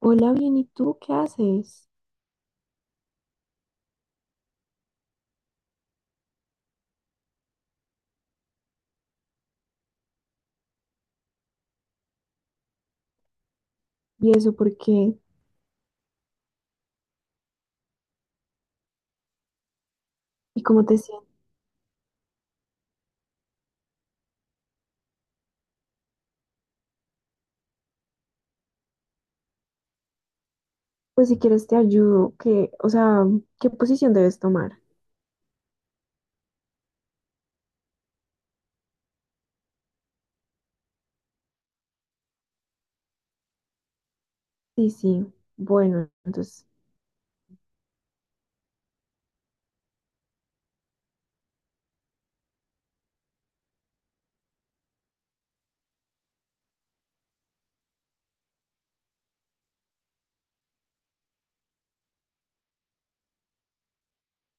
Hola, bien, ¿y tú qué haces? ¿Y eso por qué? ¿Y cómo te sientes? Pues si quieres te ayudo, que, o sea, ¿qué posición debes tomar? Sí, sí, bueno, entonces,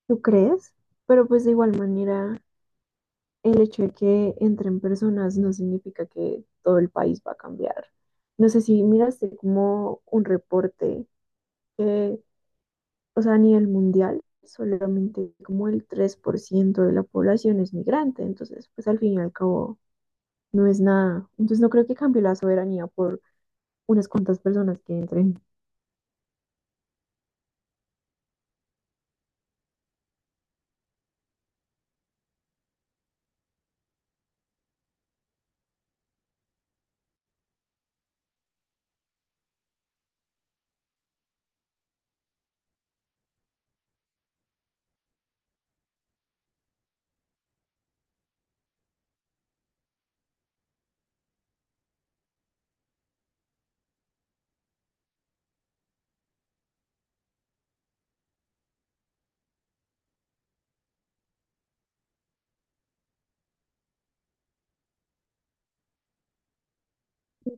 ¿tú crees? Pero pues de igual manera, el hecho de que entren personas no significa que todo el país va a cambiar. No sé si miraste como un reporte que, o sea, a nivel mundial, solamente como el 3% de la población es migrante, entonces, pues al fin y al cabo no es nada. Entonces no creo que cambie la soberanía por unas cuantas personas que entren.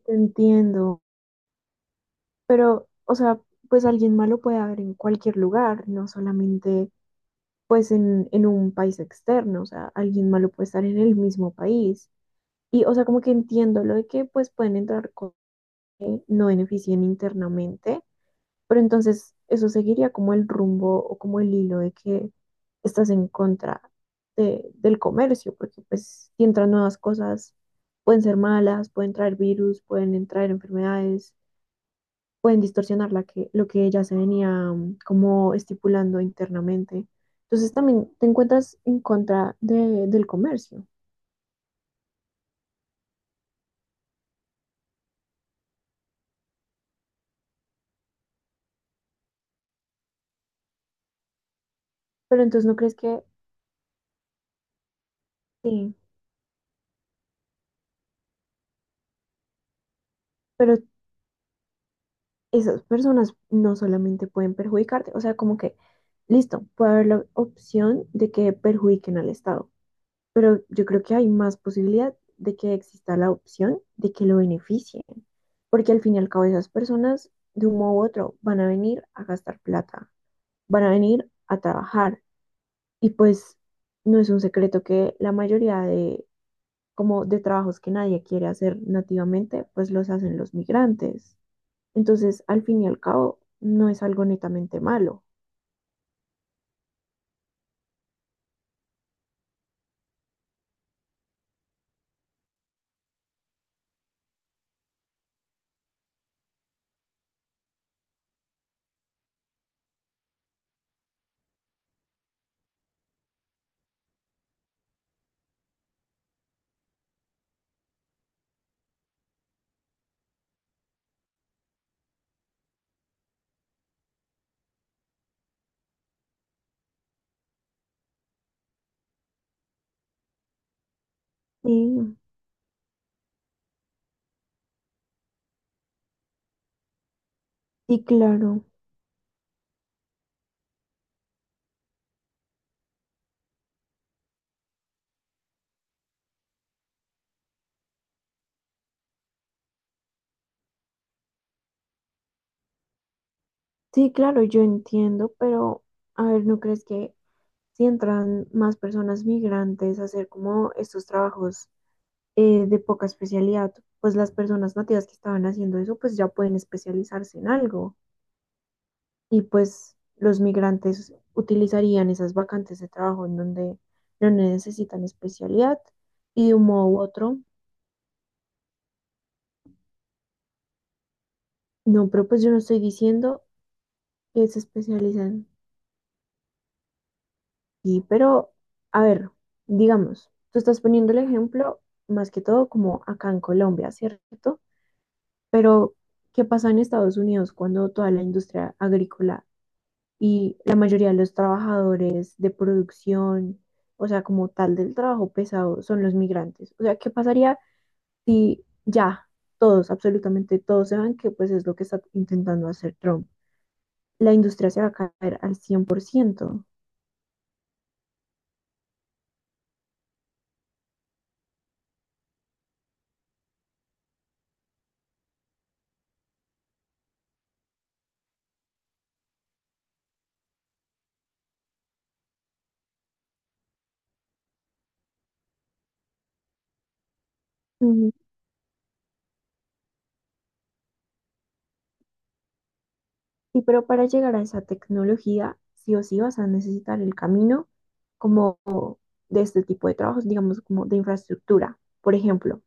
Te entiendo, pero, o sea, pues alguien malo puede haber en cualquier lugar, no solamente pues en un país externo, o sea, alguien malo puede estar en el mismo país. Y, o sea, como que entiendo lo de que pues pueden entrar cosas que no beneficien internamente, pero entonces eso seguiría como el rumbo o como el hilo de que estás en contra del comercio, porque pues si entran nuevas cosas, pueden ser malas, pueden traer virus, pueden entrar enfermedades, pueden distorsionar la que, lo que ya se venía como estipulando internamente. Entonces también te encuentras en contra del comercio, pero entonces, ¿no crees que? Sí, pero esas personas no solamente pueden perjudicarte, o sea, como que, listo, puede haber la opción de que perjudiquen al Estado, pero yo creo que hay más posibilidad de que exista la opción de que lo beneficien, porque al fin y al cabo esas personas, de un modo u otro, van a venir a gastar plata, van a venir a trabajar, y pues no es un secreto que la mayoría de, como de trabajos que nadie quiere hacer nativamente, pues los hacen los migrantes. Entonces, al fin y al cabo, no es algo netamente malo. Sí, sí, claro. Sí, claro, yo entiendo, pero a ver, ¿no crees que si entran más personas migrantes a hacer como estos trabajos de poca especialidad, pues las personas nativas que estaban haciendo eso, pues ya pueden especializarse en algo? Y pues los migrantes utilizarían esas vacantes de trabajo en donde no necesitan especialidad y de un modo u otro. No, pero pues yo no estoy diciendo que se especializan. Sí, pero, a ver, digamos, tú estás poniendo el ejemplo más que todo como acá en Colombia, ¿cierto? Pero, ¿qué pasa en Estados Unidos cuando toda la industria agrícola y la mayoría de los trabajadores de producción, o sea, como tal del trabajo pesado, son los migrantes? O sea, ¿qué pasaría si ya todos, absolutamente todos, se van, que pues es lo que está intentando hacer Trump? La industria se va a caer al 100%. Y pero para llegar a esa tecnología, sí o sí vas a necesitar el camino como de este tipo de trabajos, digamos, como de infraestructura. Por ejemplo,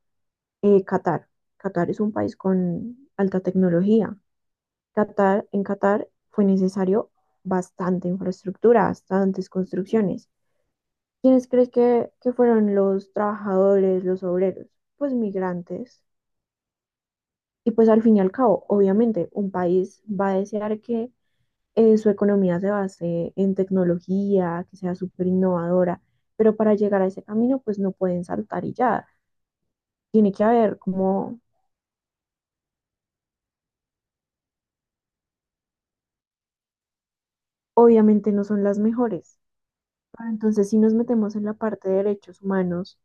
Qatar. Qatar es un país con alta tecnología. Qatar, en Qatar fue necesario bastante infraestructura, bastantes construcciones. ¿Quiénes crees que, fueron los trabajadores, los obreros? Pues migrantes. Y pues al fin y al cabo, obviamente, un país va a desear que su economía se base en tecnología, que sea súper innovadora, pero para llegar a ese camino, pues no pueden saltar y ya. Tiene que haber como, obviamente no son las mejores, pero entonces si nos metemos en la parte de derechos humanos,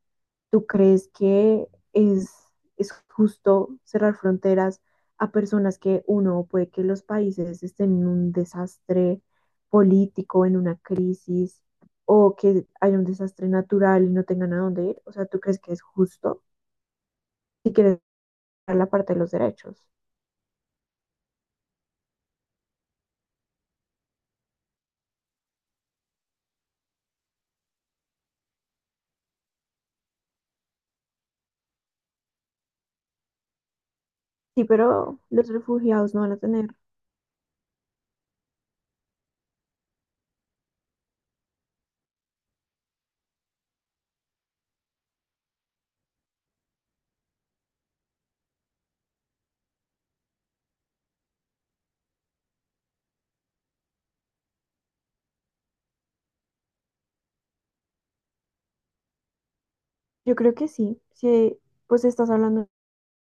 ¿tú crees que es, es justo cerrar fronteras a personas que uno puede que los países estén en un desastre político, en una crisis, o que haya un desastre natural y no tengan a dónde ir? O sea, ¿tú crees que es justo si quieres ver la parte de los derechos? Sí, pero los refugiados no van a tener. Yo creo que sí. Si pues estás hablando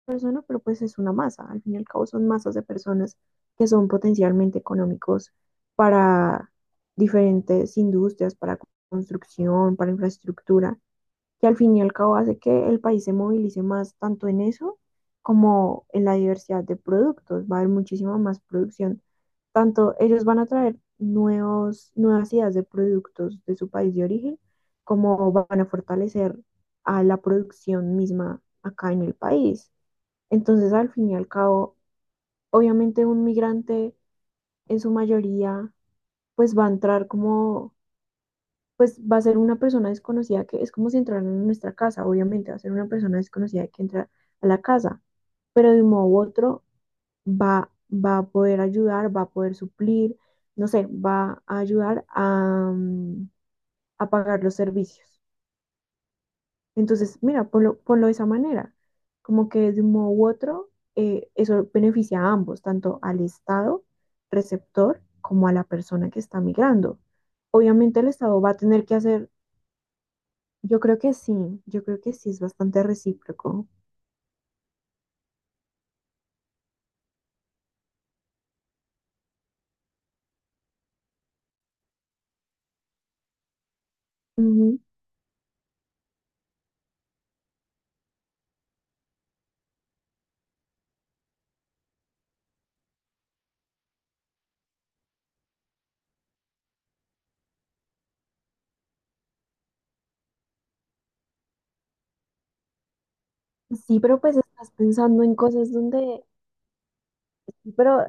persona, pero pues es una masa. Al fin y al cabo son masas de personas que son potencialmente económicos para diferentes industrias, para construcción, para infraestructura, que al fin y al cabo hace que el país se movilice más tanto en eso como en la diversidad de productos. Va a haber muchísima más producción. Tanto ellos van a traer nuevos, nuevas ideas de productos de su país de origen, como van a fortalecer a la producción misma acá en el país. Entonces, al fin y al cabo, obviamente un migrante en su mayoría, pues va a entrar como, pues va a ser una persona desconocida que es como si entraran en nuestra casa, obviamente va a ser una persona desconocida que entra a la casa, pero de un modo u otro va a poder ayudar, va a poder suplir, no sé, va a ayudar a, a pagar los servicios. Entonces, mira, ponlo de esa manera, como que de un modo u otro, eso beneficia a ambos, tanto al Estado receptor como a la persona que está migrando. Obviamente el Estado va a tener que hacer, yo creo que sí, yo creo que sí es bastante recíproco. Ujú. Sí, pero pues estás pensando en cosas donde, pero,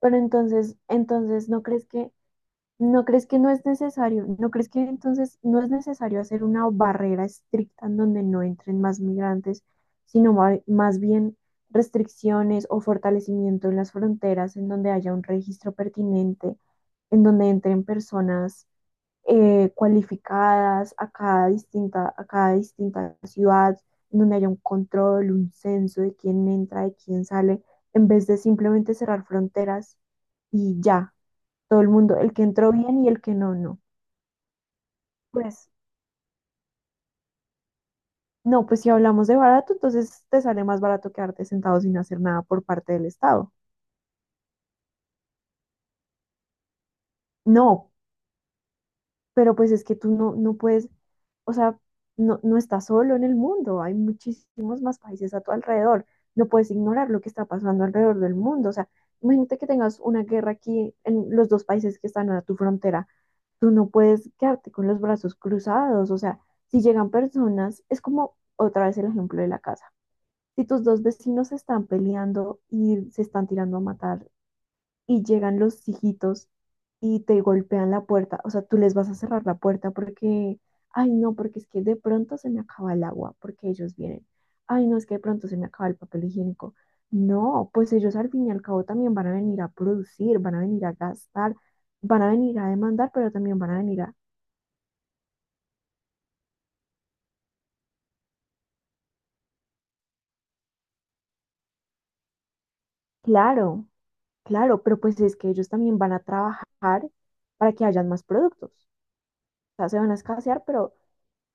pero entonces, entonces, ¿no crees que? ¿No crees que no es necesario? ¿No crees que entonces no es necesario hacer una barrera estricta en donde no entren más migrantes, sino más bien restricciones o fortalecimiento en las fronteras, en donde haya un registro pertinente, en donde entren personas cualificadas a cada distinta ciudad, en donde haya un control, un censo de quién entra, de quién sale, en vez de simplemente cerrar fronteras y ya? Todo el mundo, el que entró bien y el que no, no. Pues no, pues si hablamos de barato, entonces te sale más barato quedarte sentado sin hacer nada por parte del Estado. No, pero pues es que tú no puedes, o sea, no estás solo en el mundo, hay muchísimos más países a tu alrededor, no puedes ignorar lo que está pasando alrededor del mundo, o sea, imagínate que tengas una guerra aquí en los dos países que están a tu frontera, tú no puedes quedarte con los brazos cruzados, o sea, si llegan personas, es como otra vez el ejemplo de la casa. Si tus dos vecinos se están peleando y se están tirando a matar y llegan los hijitos y te golpean la puerta, o sea, tú les vas a cerrar la puerta porque, ay, no, porque es que de pronto se me acaba el agua, porque ellos vienen. Ay, no, es que de pronto se me acaba el papel higiénico. No, pues ellos al fin y al cabo también van a venir a producir, van a venir a gastar, van a venir a demandar, pero también van a venir a... Claro, claro, pero pues es que ellos también van a trabajar para que hayan más productos. Sea, se van a escasear, pero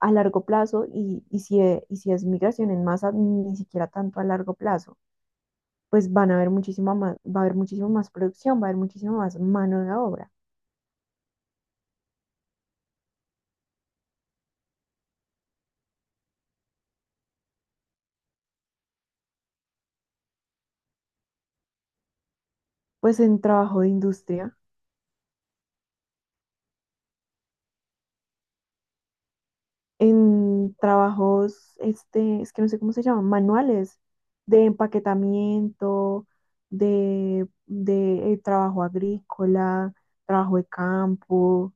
a largo plazo, y si es migración en masa, ni siquiera tanto a largo plazo, pues van a haber muchísima más, va a haber muchísimo más producción, va a haber muchísimo más mano de obra. Pues en trabajo de industria, en trabajos, este, es que no sé cómo se llaman, manuales de empaquetamiento, de trabajo agrícola, trabajo de campo,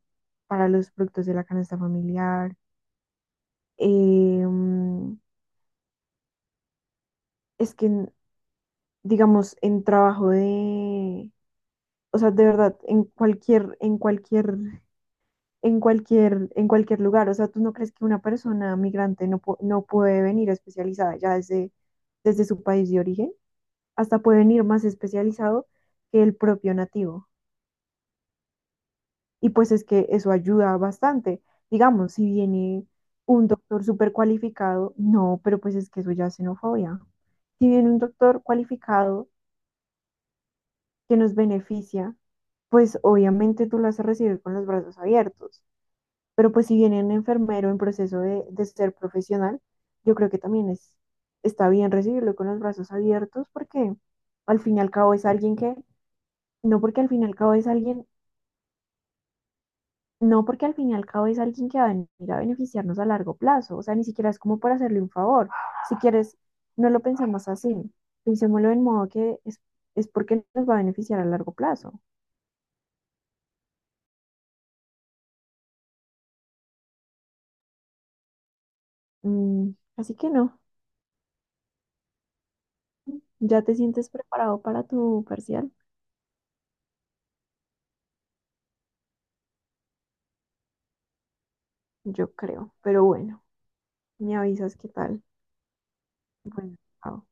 para los productos de la canasta familiar. em, es que, digamos, en trabajo de, o sea, de verdad, en cualquier lugar, o sea, ¿tú no crees que una persona migrante no puede venir especializada ya desde su país de origen? Hasta puede venir más especializado que el propio nativo. Y pues es que eso ayuda bastante. Digamos, si viene un doctor súper cualificado, no, pero pues es que eso ya es xenofobia. Si viene un doctor cualificado, que nos beneficia, pues obviamente tú lo vas a recibir con los brazos abiertos. Pero pues si viene un enfermero en proceso de ser profesional, yo creo que también es, está bien recibirlo con los brazos abiertos porque al fin y al cabo es alguien que, no porque al fin y al cabo es alguien, no porque al fin y al cabo es alguien que va a venir a beneficiarnos a largo plazo. O sea, ni siquiera es como por hacerle un favor. Si quieres, no lo pensemos así. Pensémoslo en modo que es porque nos va a beneficiar a largo plazo. Mm, Así que no, ¿ya te sientes preparado para tu parcial? Yo creo, pero bueno, me avisas qué tal. Bueno, chao.